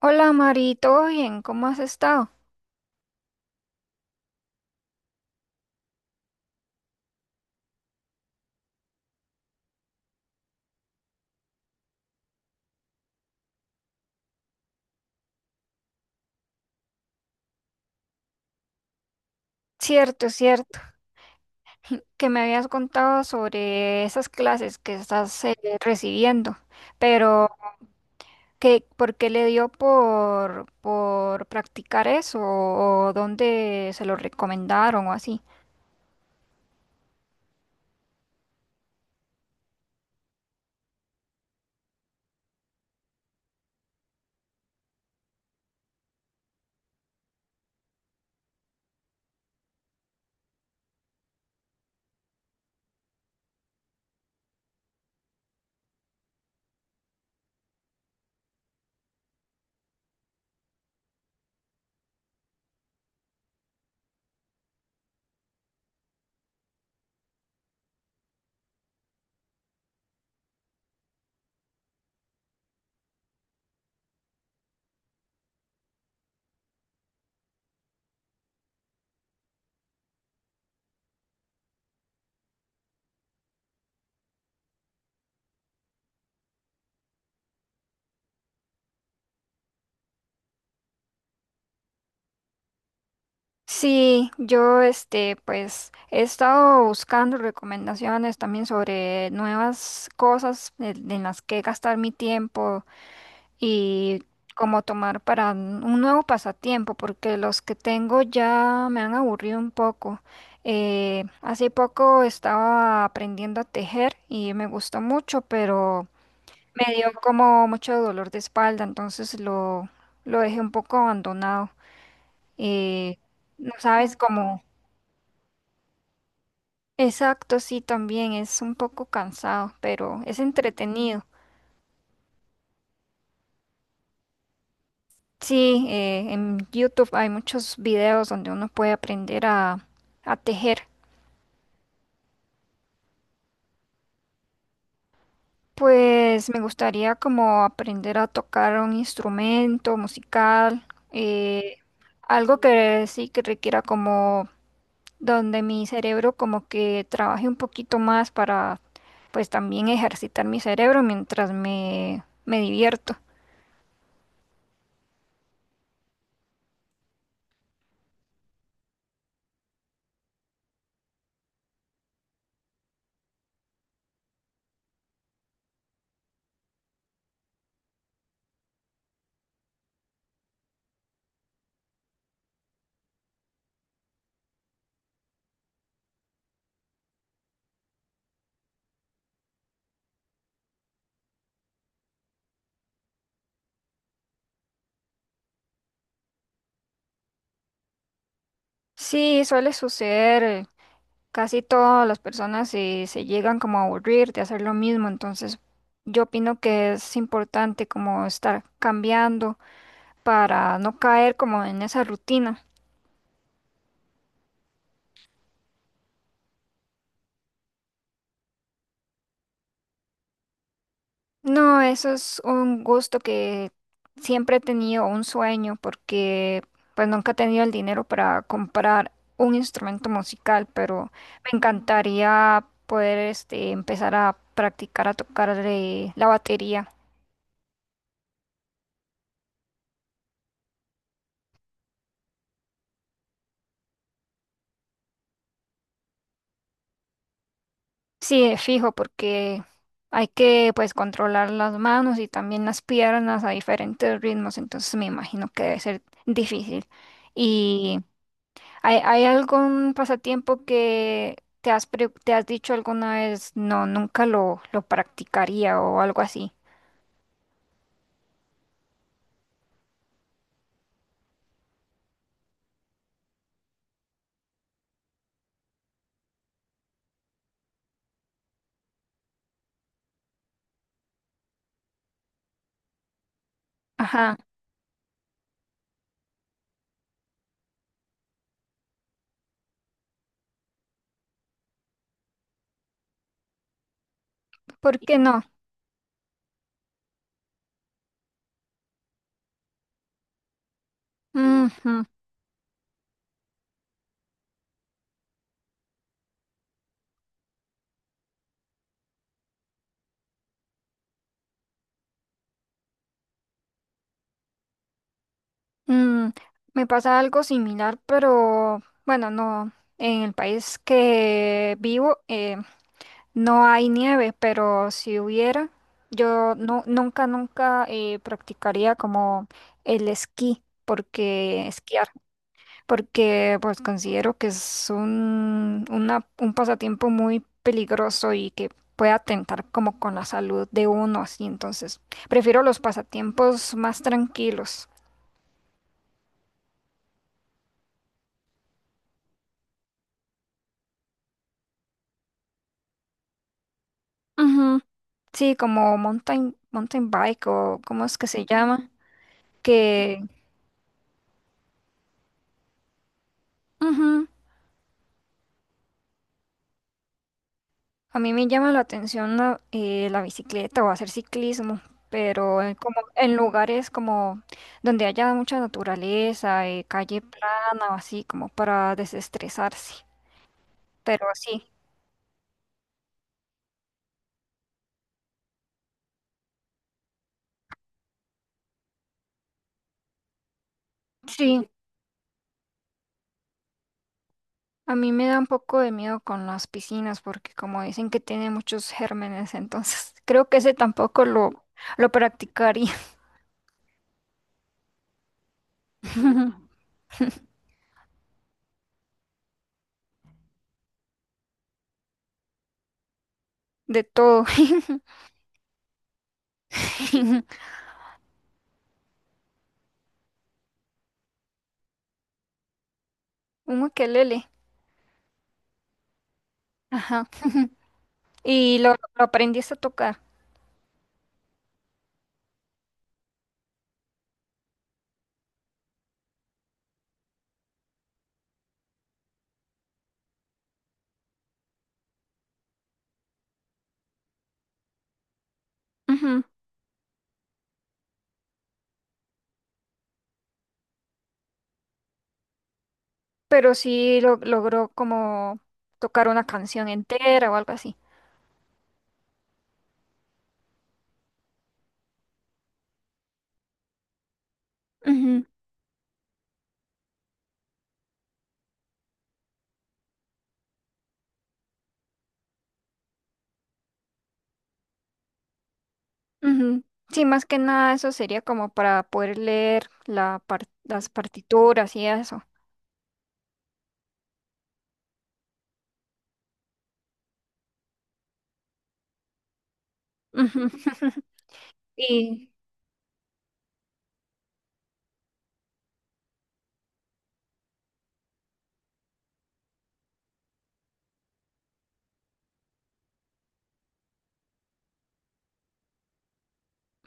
Hola Mari, ¿todo bien? ¿Cómo has estado? Cierto, cierto, que me habías contado sobre esas clases que estás recibiendo, pero ¿qué, por qué le dio por practicar eso o dónde se lo recomendaron o así? Sí, yo este pues he estado buscando recomendaciones también sobre nuevas cosas en las que gastar mi tiempo y como tomar para un nuevo pasatiempo, porque los que tengo ya me han aburrido un poco. Hace poco estaba aprendiendo a tejer y me gustó mucho, pero me dio como mucho dolor de espalda, lo dejé un poco abandonado. Eh, no sabes cómo. Exacto, sí, también es un poco cansado, pero es entretenido. Sí, en YouTube hay muchos videos donde uno puede a tejer. Pues me gustaría como aprender a tocar un instrumento musical, eh, algo que sí que requiera como donde mi cerebro como que trabaje un poquito más para pues también ejercitar mi cerebro me divierto. Sí, suele suceder. Casi todas las se llegan como a aburrir de hacer lo mismo, entonces yo opino que es importante como estar cambiando para no caer como en esa rutina. No, eso es un gusto que siempre he tenido, un sueño, porque pues nunca he tenido el dinero para comprar un instrumento musical, pero me encantaría poder este, empezar a practicar a tocar la batería. Sí, es fijo, porque hay que pues controlar las manos y también las piernas a diferentes ritmos, entonces me imagino que debe ser difícil. ¿Y hay algún pasatiempo que te has dicho alguna vez, no, nunca lo practicaría o algo así? Ajá, ¿por qué no? Ujú, mm, me pasa algo similar, pero bueno, no, en el país que vivo. No hay nieve, pero si hubiera, yo no, nunca practicaría como el esquí, porque esquiar, porque pues considero que es un pasatiempo muy peligroso y que puede atentar como con la salud de uno, así entonces prefiero los pasatiempos más tranquilos. Ujú. Sí, como mountain bike o cómo es que se llama, que... ujú, a mí me llama la atención la bicicleta o hacer ciclismo, pero en, como, en lugares como donde haya mucha naturaleza, calle plana o así, como para desestresarse. Pero sí, sí, a mí me da un poco de miedo con las piscinas porque como dicen que tiene muchos gérmenes, entonces creo que ese tampoco lo, lo practicaría. De todo. Un ukelele. Ajá. Y lo aprendiste a tocar. Ujú. Pero sí logró como tocar una canción entera o algo así. Ujú, ujú. Sí, más que nada eso sería como para poder leer las partituras y eso. Ujú. Y,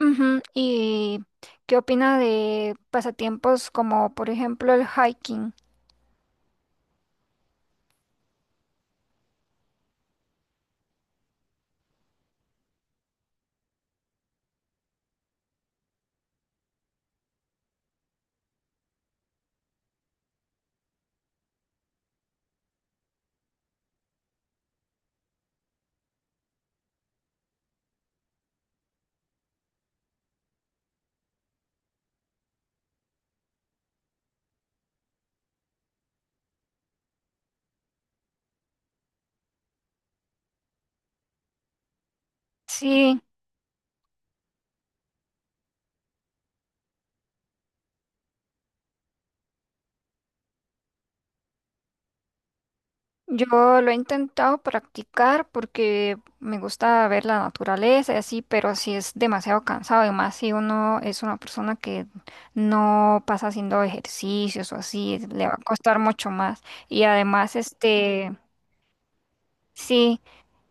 ujú, ¿y qué opina de pasatiempos como por ejemplo el hiking? Sí. Yo lo he intentado practicar porque me gusta ver la naturaleza y así, pero si es demasiado cansado y más si uno es una persona que no pasa haciendo ejercicios o así, es- le va a costar mucho más. Y además, este, sí,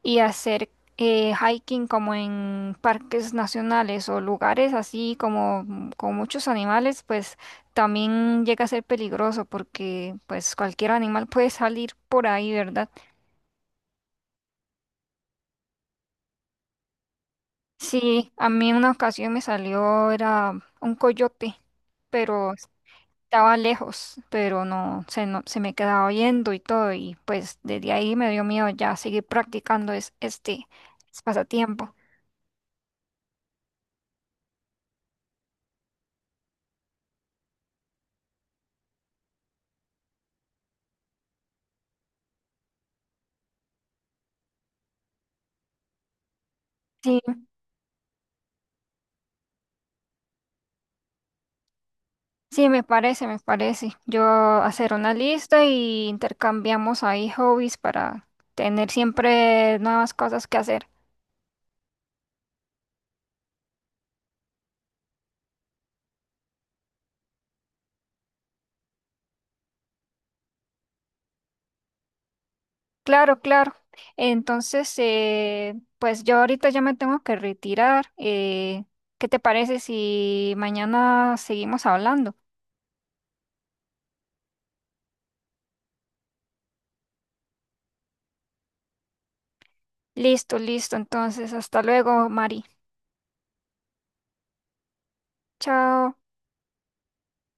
y hacer hiking como en parques nacionales o lugares así como mm, con muchos animales, pues también llega a ser peligroso porque pues cualquier animal puede salir por ahí, ¿verdad? Sí, a mí en una ocasión me salió, era un coyote, pero estaba lejos, pero no, se me quedaba oyendo y todo, y pues desde ahí me dio miedo ya seguir practicando este, pasatiempo. Sí, sí, me parece. Yo hacer una lista y intercambiamos ahí hobbies para tener siempre nuevas cosas que hacer. Claro, claro. Entonces, pues yo ahorita ya me tengo que retirar. ¿Qué te parece si mañana seguimos hablando? Listo, listo. Entonces, hasta luego, Mari. Chao.